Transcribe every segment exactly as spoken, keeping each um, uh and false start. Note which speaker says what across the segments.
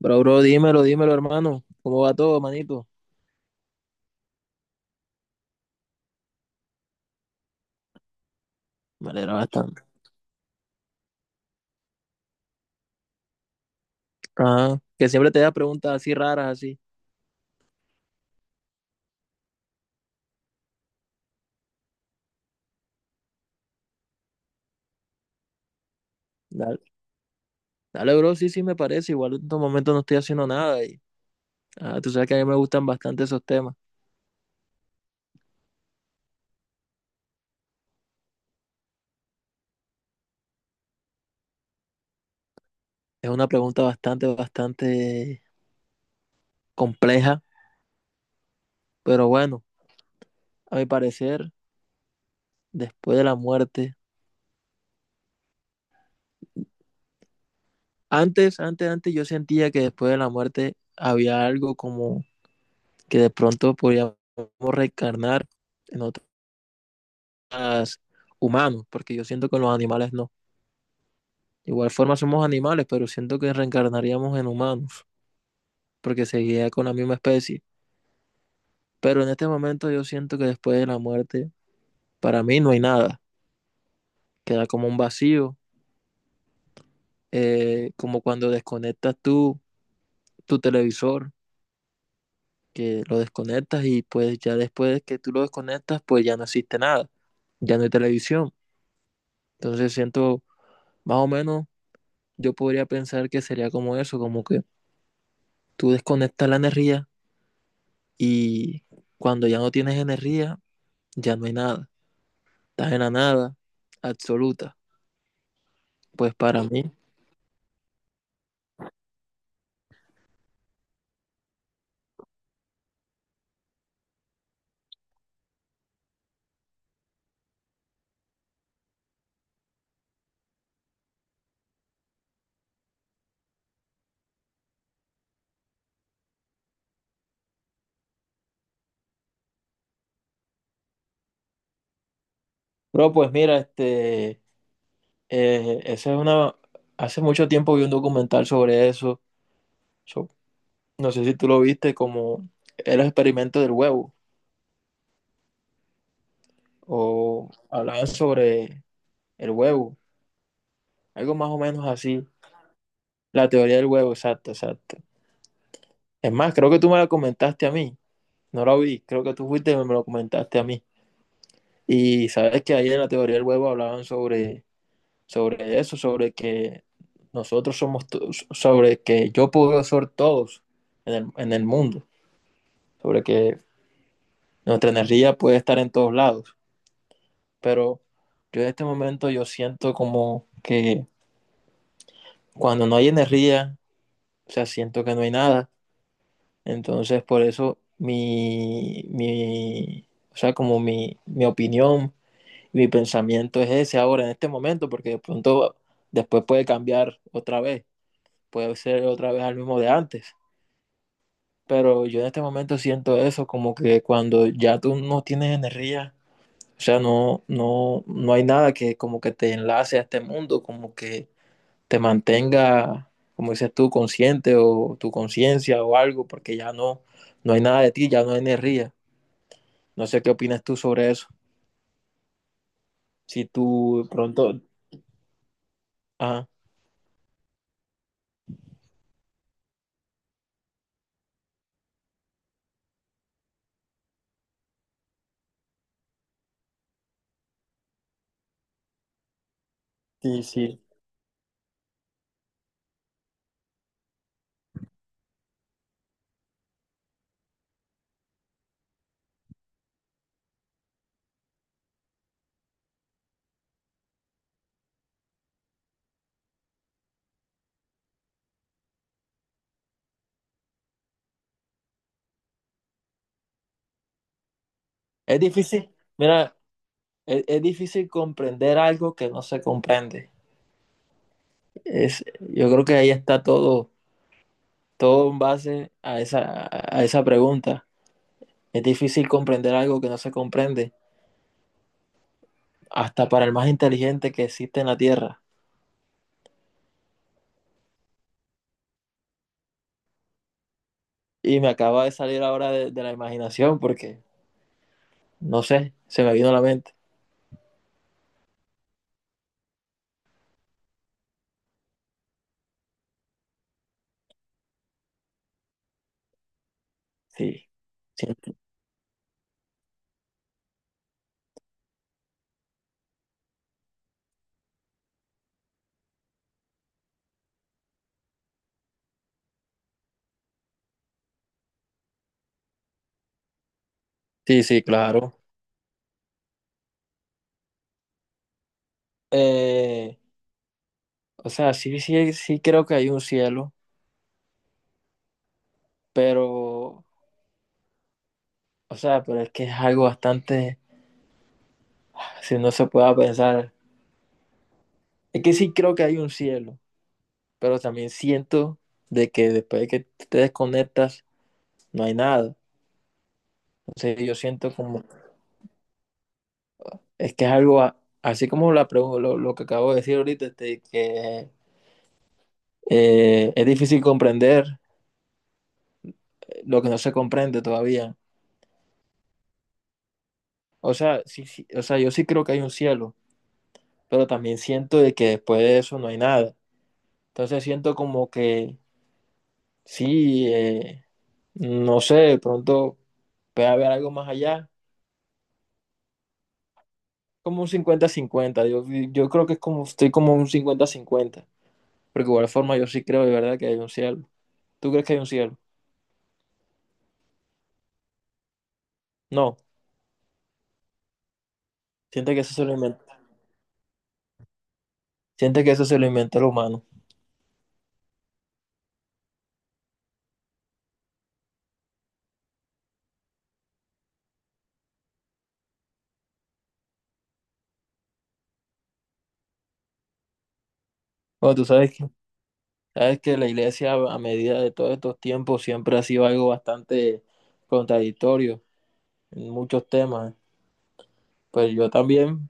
Speaker 1: Bro, bro, dímelo, dímelo, hermano. ¿Cómo va todo, manito? Me alegra bastante. Ajá. Que siempre te da preguntas así raras, así. Dale, dale, bro, sí, sí, me parece. Igual en estos momentos no estoy haciendo nada y ah, tú sabes que a mí me gustan bastante esos temas. Es una pregunta bastante, bastante compleja, pero bueno, a mi parecer, después de la muerte, antes, antes, antes yo sentía que después de la muerte había algo como que de pronto podíamos reencarnar en otros humanos, porque yo siento que en los animales no. De igual forma somos animales, pero siento que reencarnaríamos en humanos, porque seguiría con la misma especie. Pero en este momento yo siento que después de la muerte, para mí no hay nada. Queda como un vacío, eh, como cuando desconectas tú, tu televisor, que lo desconectas y pues ya después que tú lo desconectas, pues ya no existe nada, ya no hay televisión. Entonces siento, más o menos, yo podría pensar que sería como eso, como que tú desconectas la energía y cuando ya no tienes energía, ya no hay nada, estás en la nada absoluta, pues para mí. Bro, pues mira, este, eh, esa es una, hace mucho tiempo vi un documental sobre eso, so- no sé si tú lo viste, como el experimento del huevo, o hablaban sobre el huevo, algo más o menos así, la teoría del huevo, exacto, exacto. Es más, creo que tú me la comentaste a mí, no la vi, creo que tú fuiste y me lo comentaste a mí. Y sabes que ahí en la teoría del huevo hablaban sobre sobre eso, sobre que nosotros somos, to- sobre que yo puedo ser todos en el, en el mundo, sobre que nuestra energía puede estar en todos lados. Pero yo en este momento yo siento como que cuando no hay energía, o sea, siento que no hay nada. Entonces, por eso mi, mi, o sea, como mi, mi opinión, mi pensamiento es ese ahora, en este momento, porque de pronto después puede cambiar otra vez, puede ser otra vez al mismo de antes. Pero yo en este momento siento eso, como que cuando ya tú no tienes energía, o sea, no, no, no hay nada que como que te enlace a este mundo, como que te mantenga, como dices tú, consciente o tu conciencia o algo, porque ya no, no hay nada de ti, ya no hay energía. No sé qué opinas tú sobre eso. Si tú pronto, ajá, sí, sí. Es difícil, mira, es, es difícil comprender algo que no se comprende. Es, yo creo que ahí está todo. Todo en base a esa, a esa pregunta. Es difícil comprender algo que no se comprende, hasta para el más inteligente que existe en la Tierra. Y me acaba de salir ahora de, de la imaginación porque, no sé, se me vino a la mente. Sí, sí, sí, sí, claro. Eh, o sea, sí, sí, sí creo que hay un cielo, pero, o sea, pero es que es algo bastante, si no se puede pensar, es que sí creo que hay un cielo, pero también siento de que después de que tú te desconectas, no hay nada. Entonces yo siento como, es que es algo, a- así como la, pregu- lo, lo que acabo de decir ahorita, este, que eh, es difícil comprender lo que no se comprende todavía. O sea, sí, sí, o sea, yo sí creo que hay un cielo, pero también siento de que después de eso no hay nada. Entonces siento como que sí, eh, no sé, de pronto puede haber algo más allá, como un cincuenta-cincuenta. Yo, yo creo que es como, estoy como un cincuenta-cincuenta, porque de igual forma yo sí creo de verdad que hay un cielo. ¿Tú crees que hay un cielo? No, siente que eso se lo inventó, siente que eso se lo inventó el humano. Bueno, tú sabes que, sabes que la iglesia a a medida de todos estos tiempos siempre ha sido algo bastante contradictorio en muchos temas. Pues yo también,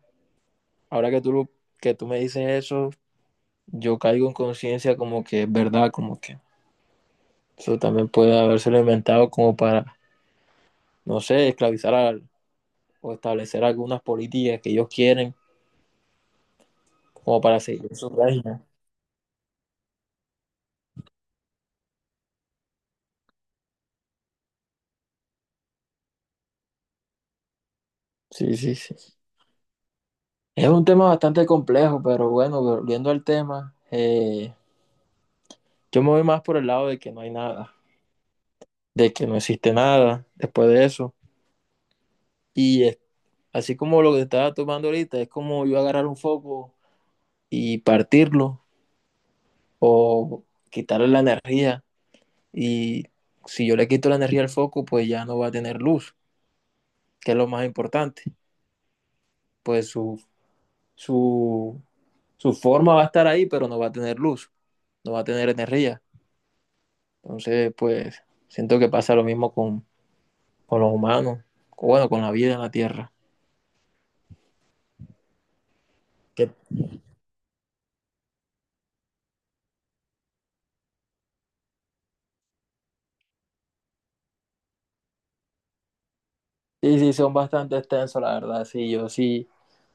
Speaker 1: ahora que tú, lo- que tú me dices eso, yo caigo en conciencia como que es verdad, como que eso también puede habérselo inventado como para, no sé, esclavizar al- o establecer algunas políticas que ellos quieren como para seguir su reina. Sí, sí, sí. Es un tema bastante complejo, pero bueno, volviendo al tema, eh, yo me voy más por el lado de que no hay nada, de que no existe nada después de eso. Y es- así como lo que estaba tomando ahorita, es como yo agarrar un foco y partirlo o quitarle la energía. Y si yo le quito la energía al foco, pues ya no va a tener luz, que es lo más importante. Pues su, su, su forma va a estar ahí, pero no va a tener luz, no va a tener energía. Entonces, pues, siento que pasa lo mismo con, con los humanos, o bueno, con la vida en la Tierra. ¿Qué? Sí, sí, son bastante extensos, la verdad, sí, yo sí,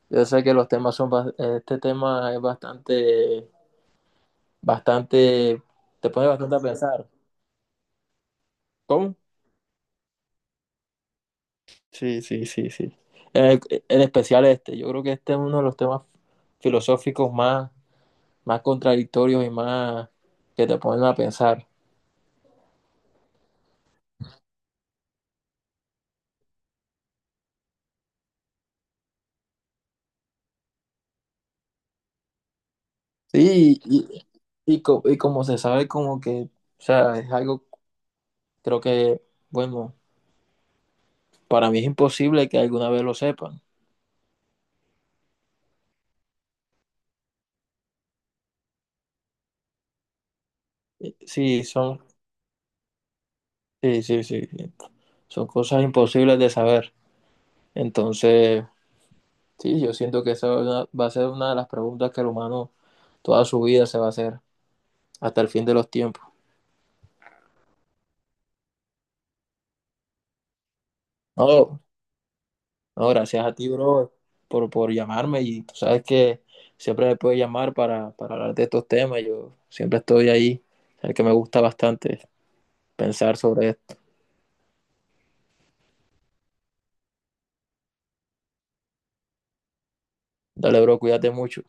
Speaker 1: yo sé que los temas son, bas- este tema es bastante, bastante, te pone bastante a pensar. ¿Cómo? Sí, sí, sí, sí. En, en especial este, yo creo que este es uno de los temas filosóficos más, más contradictorios y más que te ponen a pensar. Sí, y, y, co- y como se sabe como que, o sea, es algo. Creo que, bueno, para mí es imposible que alguna vez lo sepan. Sí, son, sí, sí, sí, sí, son cosas imposibles de saber. Entonces, sí, yo siento que esa va a- va a ser una de las preguntas que el humano toda su vida se va a hacer hasta el fin de los tiempos. No, no, gracias a ti, bro, por, por llamarme y tú sabes que siempre me puedes llamar para, para hablar de estos temas. Yo siempre estoy ahí, el que me gusta bastante pensar sobre esto. Dale, bro, cuídate mucho.